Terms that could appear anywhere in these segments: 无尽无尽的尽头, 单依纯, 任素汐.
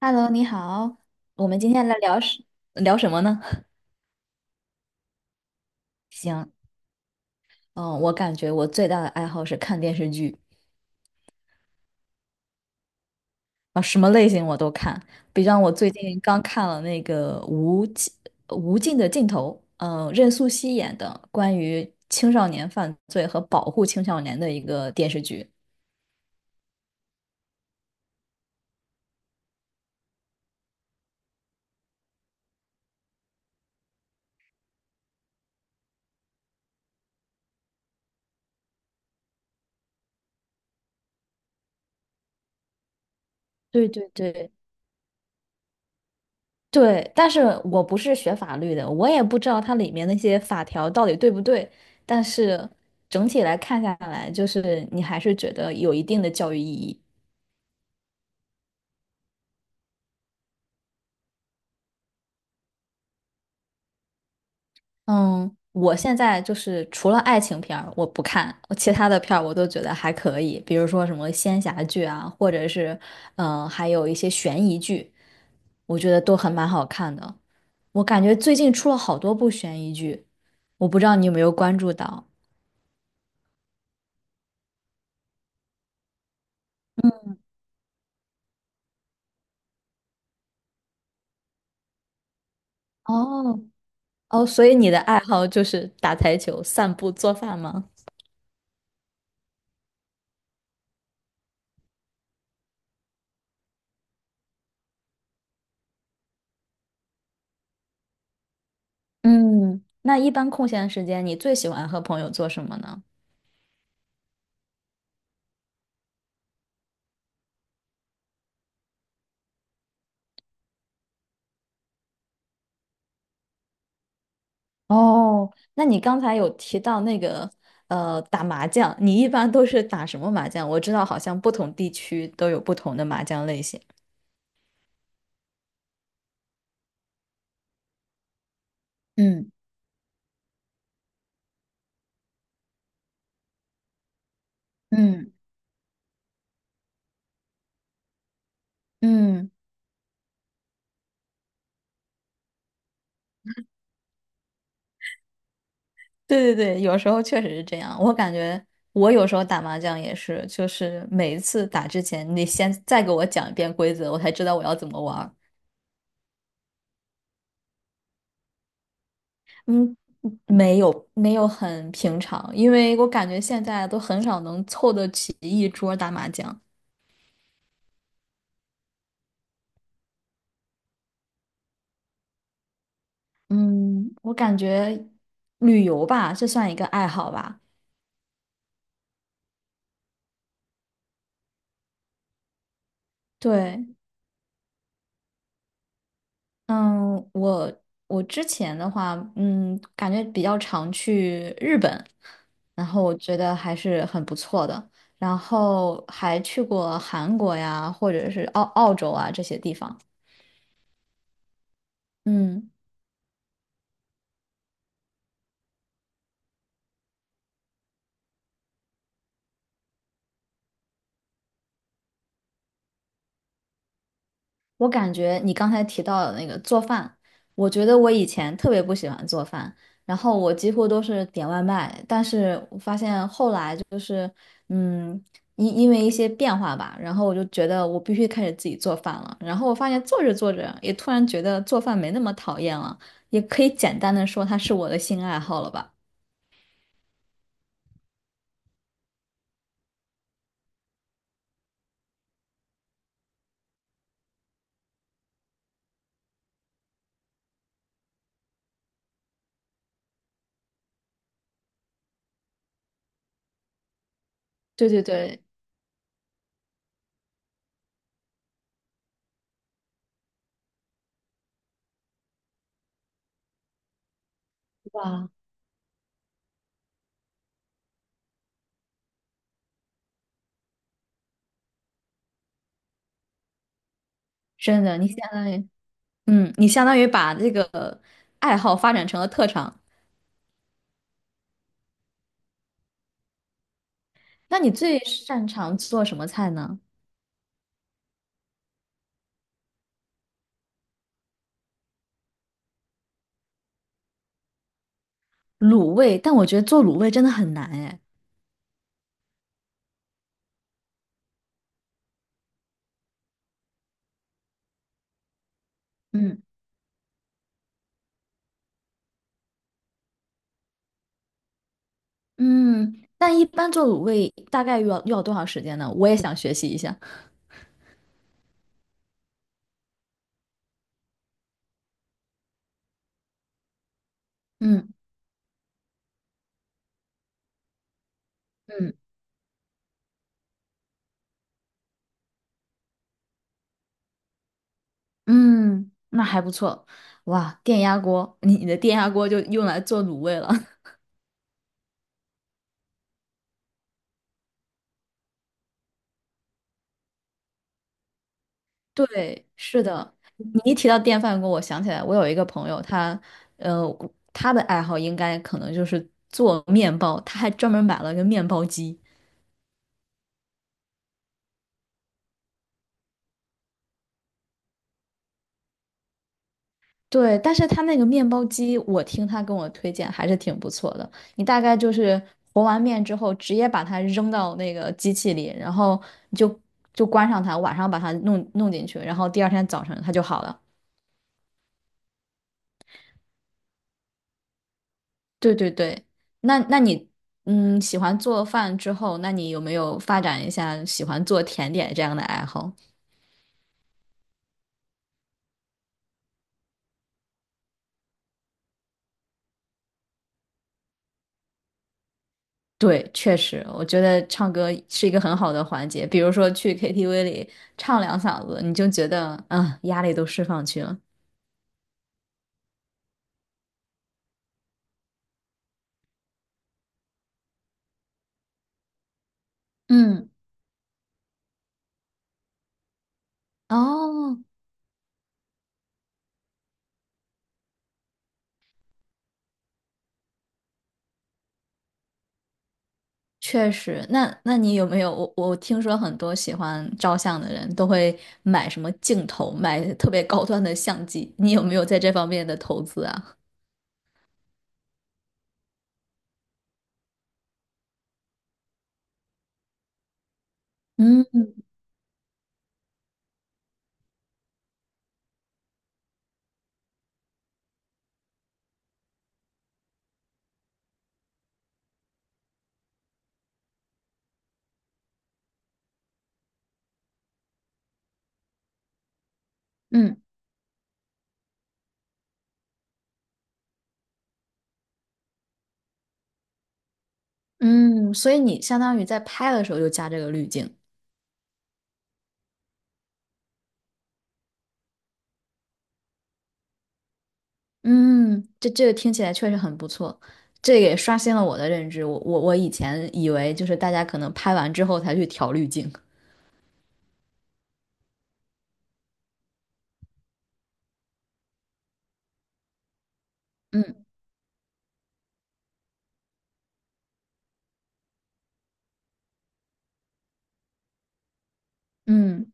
Hello，你好，我们今天来聊什么呢？行，嗯，我感觉我最大的爱好是看电视剧。啊，什么类型我都看。比方我最近刚看了那个《无尽的尽头》，任素汐演的关于青少年犯罪和保护青少年的一个电视剧。对对对，对，但是我不是学法律的，我也不知道它里面那些法条到底对不对。但是整体来看下来，就是你还是觉得有一定的教育意义。嗯，我现在就是除了爱情片儿我不看，其他的片儿我都觉得还可以，比如说什么仙侠剧啊，或者是还有一些悬疑剧，我觉得都很蛮好看的。我感觉最近出了好多部悬疑剧，我不知道你有没有关注到。哦，哦，所以你的爱好就是打台球、散步、做饭吗？嗯，那一般空闲时间，你最喜欢和朋友做什么呢？哦，那你刚才有提到那个打麻将，你一般都是打什么麻将？我知道好像不同地区都有不同的麻将类型。嗯嗯嗯，对对对，有时候确实是这样。我感觉我有时候打麻将也是，就是每一次打之前，你先再给我讲一遍规则，我才知道我要怎么玩。嗯，没有没有很平常，因为我感觉现在都很少能凑得起一桌儿打麻将。嗯，我感觉旅游吧，这算一个爱好吧。对，嗯，我之前的话，嗯，感觉比较常去日本，然后我觉得还是很不错的。然后还去过韩国呀，或者是澳洲啊这些地方。嗯。我感觉你刚才提到的那个做饭，我觉得我以前特别不喜欢做饭，然后我几乎都是点外卖，但是我发现后来就是，嗯，因为一些变化吧，然后我就觉得我必须开始自己做饭了，然后我发现做着做着也突然觉得做饭没那么讨厌了，也可以简单的说它是我的新爱好了吧。对对对，哇，真的，你相当于，嗯，你相当于把这个爱好发展成了特长。那你最擅长做什么菜呢？卤味，但我觉得做卤味真的很难哎。嗯，嗯，但一般做卤味大概要多少时间呢？我也想学习一下。嗯，嗯嗯，那还不错。哇，电压锅，你的电压锅就用来做卤味了。对，是的。你一提到电饭锅，我想起来，我有一个朋友，他呃，他的爱好应该可能就是做面包，他还专门买了个面包机。对，但是他那个面包机，我听他跟我推荐还是挺不错的。你大概就是和完面之后，直接把它扔到那个机器里，然后你就关上它，晚上把它弄进去，然后第二天早晨它就好了。对对对，那喜欢做饭之后，那你有没有发展一下喜欢做甜点这样的爱好？对，确实，我觉得唱歌是一个很好的环节，比如说去 KTV 里唱两嗓子，你就觉得压力都释放去了。嗯，哦，确实。那有没有？我听说很多喜欢照相的人都会买什么镜头，买特别高端的相机。你有没有在这方面的投资啊？嗯嗯嗯，所以你相当于在拍的时候就加这个滤镜。嗯，这听起来确实很不错，这也刷新了我的认知。我以前以为就是大家可能拍完之后才去调滤镜。嗯嗯。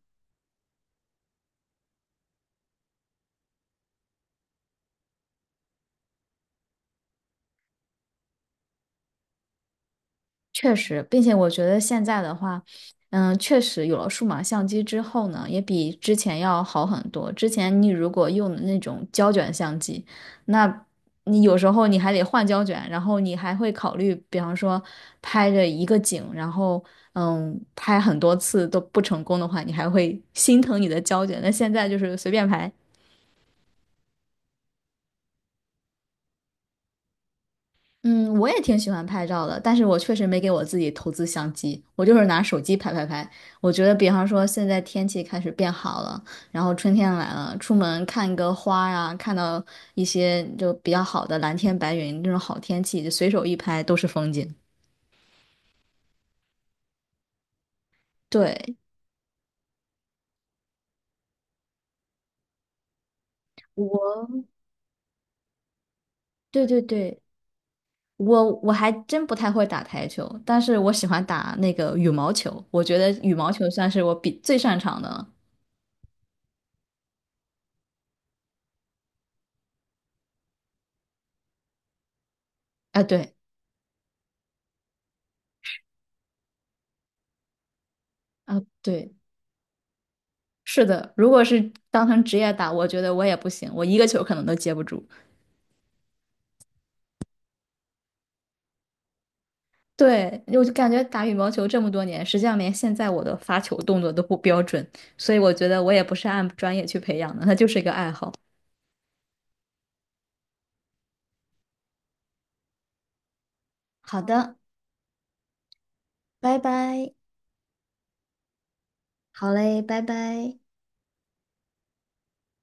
确实，并且我觉得现在的话，嗯，确实有了数码相机之后呢，也比之前要好很多。之前你如果用的那种胶卷相机，那你有时候你还得换胶卷，然后你还会考虑，比方说拍着一个景，然后嗯，拍很多次都不成功的话，你还会心疼你的胶卷。那现在就是随便拍，嗯，我也挺喜欢拍照的，但是我确实没给我自己投资相机，我就是拿手机拍拍拍。我觉得，比方说现在天气开始变好了，然后春天来了，出门看个花呀，看到一些就比较好的蓝天白云这种好天气，就随手一拍都是风景。对，我，对对对，我还真不太会打台球，但是我喜欢打那个羽毛球，我觉得羽毛球算是我比最擅长的了。啊，对，啊，对。是的，如果是当成职业打，我觉得我也不行，我一个球可能都接不住。对，我就感觉打羽毛球这么多年，实际上连现在我的发球动作都不标准，所以我觉得我也不是按专业去培养的，它就是一个爱好。好的，拜拜。好嘞，拜拜。